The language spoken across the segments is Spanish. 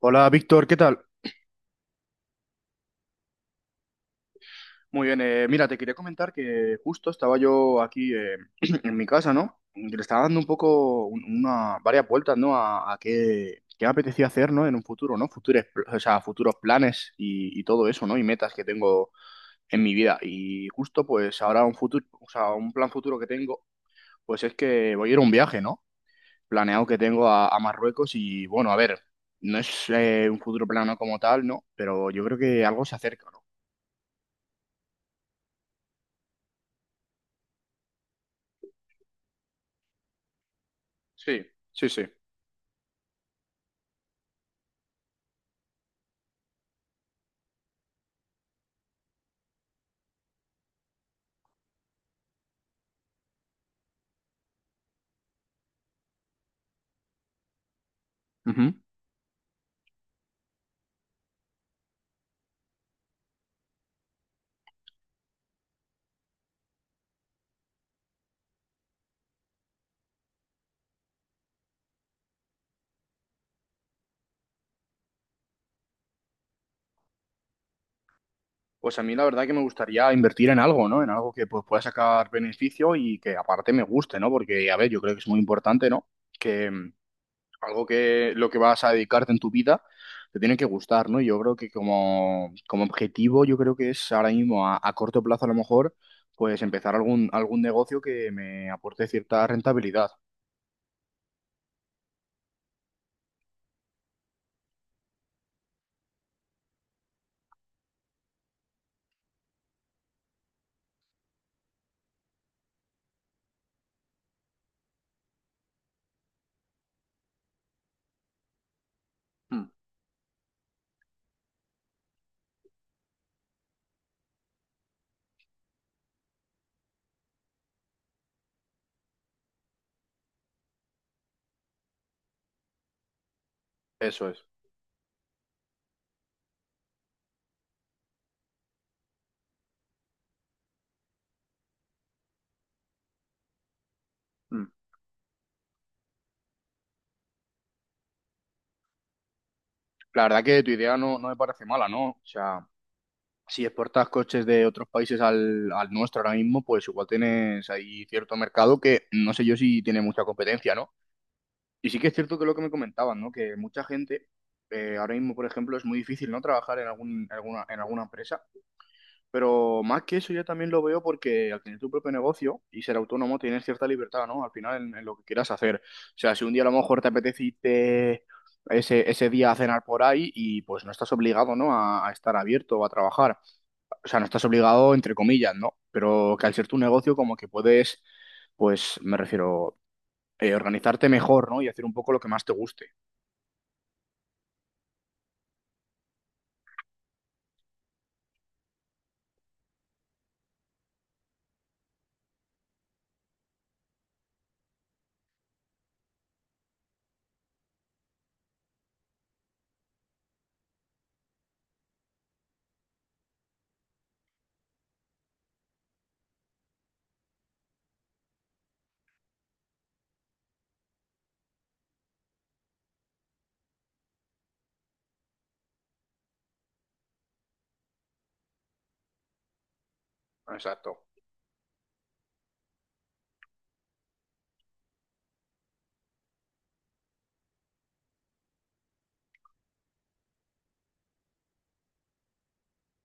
Hola Víctor, ¿qué tal? Muy bien, mira, te quería comentar que justo estaba yo aquí en mi casa, ¿no? Y le estaba dando un poco, una, varias vueltas, ¿no? A qué me apetecía hacer, ¿no? En un futuro, ¿no? Futuros, o sea, futuros planes y todo eso, ¿no? Y metas que tengo en mi vida. Y justo, pues ahora un futuro, o sea, un plan futuro que tengo, pues es que voy a ir a un viaje, ¿no? Planeado que tengo a Marruecos y bueno, a ver, no es un futuro plano como tal, ¿no? Pero yo creo que algo se acerca, ¿no? Sí, sí, sí. Ujú. Pues a mí la verdad que me gustaría invertir en algo, ¿no? En algo que pues, pueda sacar beneficio y que aparte me guste, ¿no? Porque, a ver, yo creo que es muy importante, ¿no? Que algo que lo que vas a dedicarte en tu vida te tiene que gustar, ¿no? Yo creo que como objetivo, yo creo que es ahora mismo a corto plazo a lo mejor, pues empezar algún negocio que me aporte cierta rentabilidad. Mm. Eso es. Mm. La verdad que tu idea no me parece mala, ¿no? O sea, si exportas coches de otros países al nuestro ahora mismo, pues igual tienes ahí cierto mercado que no sé yo si tiene mucha competencia, ¿no? Y sí que es cierto que lo que me comentaban, ¿no? Que mucha gente, ahora mismo, por ejemplo, es muy difícil, ¿no? Trabajar en alguna empresa. Pero más que eso, yo también lo veo porque al tener tu propio negocio y ser autónomo, tienes cierta libertad, ¿no? Al final, en lo que quieras hacer. O sea, si un día a lo mejor te apetece irte ese día a cenar por ahí y pues no estás obligado, ¿no? A estar abierto o a trabajar, o sea, no estás obligado, entre comillas, ¿no? Pero que al ser tu negocio, como que puedes, pues, me refiero, organizarte mejor, ¿no? Y hacer un poco lo que más te guste. Exacto,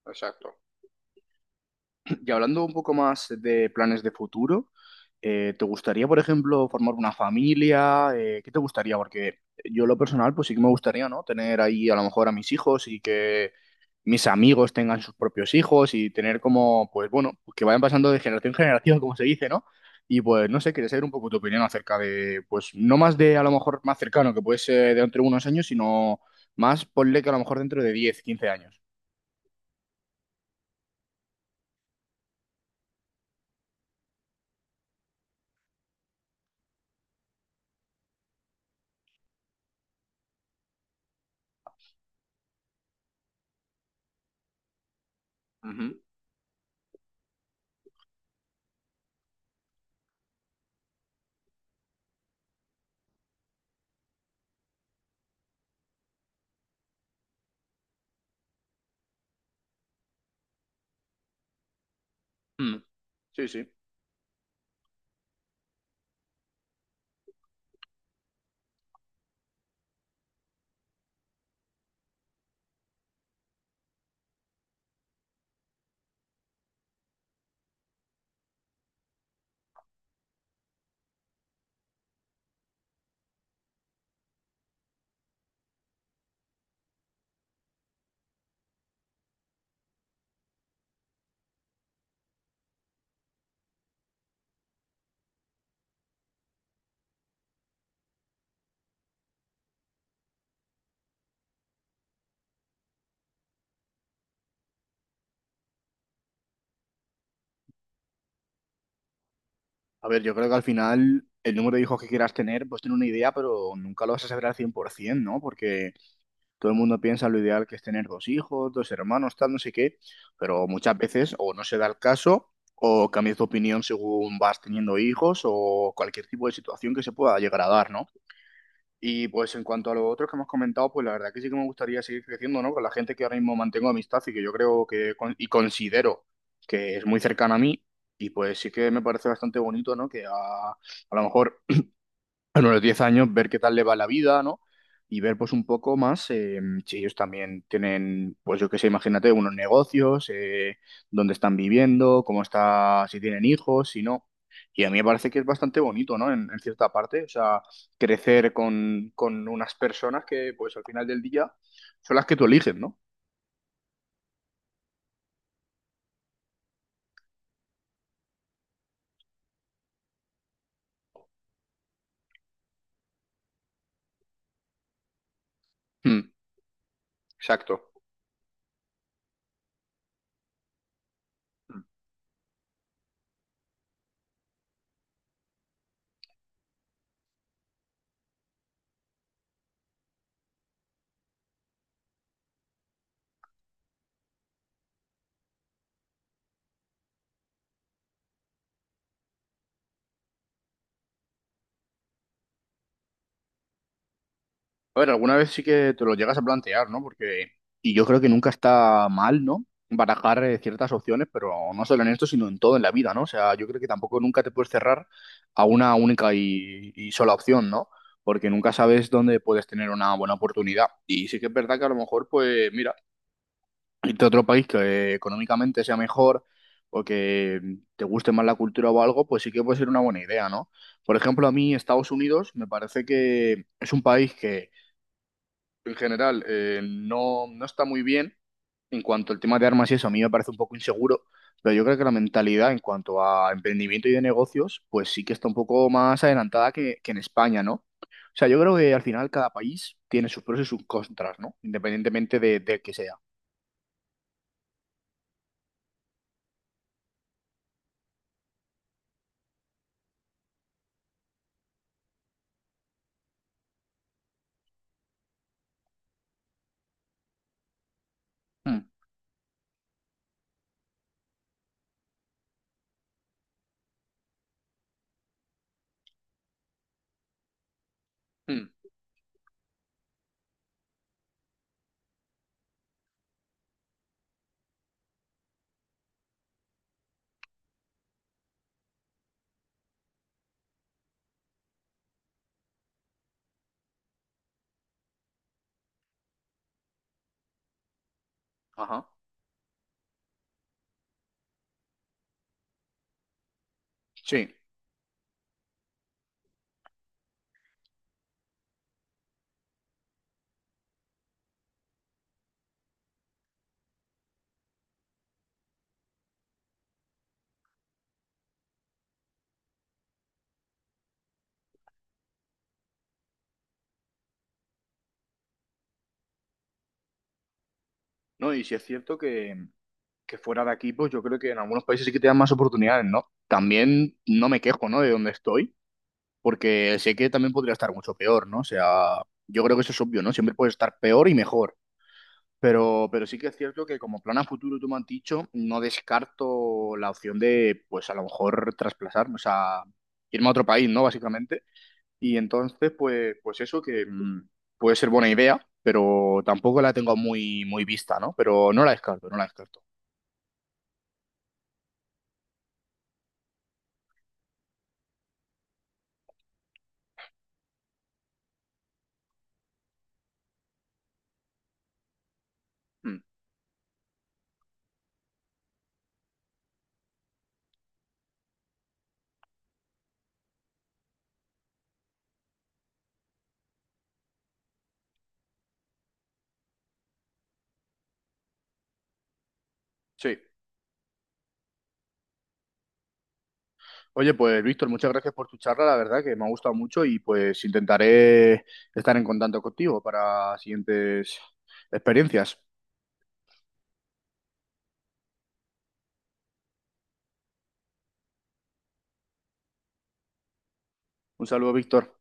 exacto. Y hablando un poco más de planes de futuro, ¿te gustaría, por ejemplo, formar una familia? ¿Qué te gustaría? Porque yo en lo personal, pues sí que me gustaría, ¿no? Tener ahí a lo mejor a mis hijos y que mis amigos tengan sus propios hijos y tener como, pues bueno, que vayan pasando de generación en generación, como se dice, ¿no? Y pues no sé, quería saber un poco tu opinión acerca de, pues no más de a lo mejor más cercano, que puede ser de entre unos años, sino más ponle que a lo mejor dentro de 10, 15 años. Ujú. Mm. Sí, sí. A ver, yo creo que al final el número de hijos que quieras tener, pues tener una idea, pero nunca lo vas a saber al 100%, ¿no? Porque todo el mundo piensa lo ideal que es tener dos hijos, dos hermanos, tal, no sé qué, pero muchas veces o no se da el caso o cambias de opinión según vas teniendo hijos o cualquier tipo de situación que se pueda llegar a dar, ¿no? Y pues en cuanto a los otros que hemos comentado, pues la verdad que sí que me gustaría seguir creciendo, ¿no? Con la gente que ahora mismo mantengo amistad y que yo creo que y considero que es muy cercana a mí. Y pues sí que me parece bastante bonito, ¿no? Que a lo mejor bueno, a los 10 años ver qué tal le va la vida, ¿no? Y ver pues un poco más si ellos también tienen, pues yo qué sé, imagínate, unos negocios, dónde están viviendo, cómo está, si tienen hijos, si no. Y a mí me parece que es bastante bonito, ¿no? En cierta parte, o sea, crecer con unas personas que pues al final del día son las que tú eliges, ¿no? Mm, exacto. A ver, alguna vez sí que te lo llegas a plantear, ¿no? Porque, y yo creo que nunca está mal, ¿no? Barajar ciertas opciones, pero no solo en esto, sino en todo en la vida, ¿no? O sea, yo creo que tampoco nunca te puedes cerrar a una única y sola opción, ¿no? Porque nunca sabes dónde puedes tener una buena oportunidad. Y sí que es verdad que a lo mejor, pues, mira, irte a otro país que económicamente sea mejor o que te guste más la cultura o algo, pues sí que puede ser una buena idea, ¿no? Por ejemplo, a mí Estados Unidos me parece que es un país que en general no, no está muy bien en cuanto al tema de armas y eso, a mí me parece un poco inseguro, pero yo creo que la mentalidad en cuanto a emprendimiento y de negocios, pues sí que está un poco más adelantada que en España, ¿no? O sea, yo creo que al final cada país tiene sus pros y sus contras, ¿no? Independientemente de que sea. Mm, mm, ajá. Sí, ¿no? Y si es cierto que fuera de aquí, pues yo creo que en algunos países sí que te dan más oportunidades, ¿no? También no me quejo, ¿no? De donde estoy, porque sé que también podría estar mucho peor, ¿no? O sea, yo creo que eso es obvio, ¿no? Siempre puede estar peor y mejor. Pero sí que es cierto que como plan a futuro, tú me has dicho, no descarto la opción de, pues a lo mejor trasplasarme, o sea, irme a otro país, ¿no? Básicamente. Y entonces, pues, pues eso que puede ser buena idea, pero tampoco la tengo muy, muy vista, ¿no? Pero no la descarto, no la descarto. Mm, sí. Oye, pues Víctor, muchas gracias por tu charla, la verdad que me ha gustado mucho y pues intentaré estar en contacto contigo para siguientes experiencias. Un saludo, Víctor.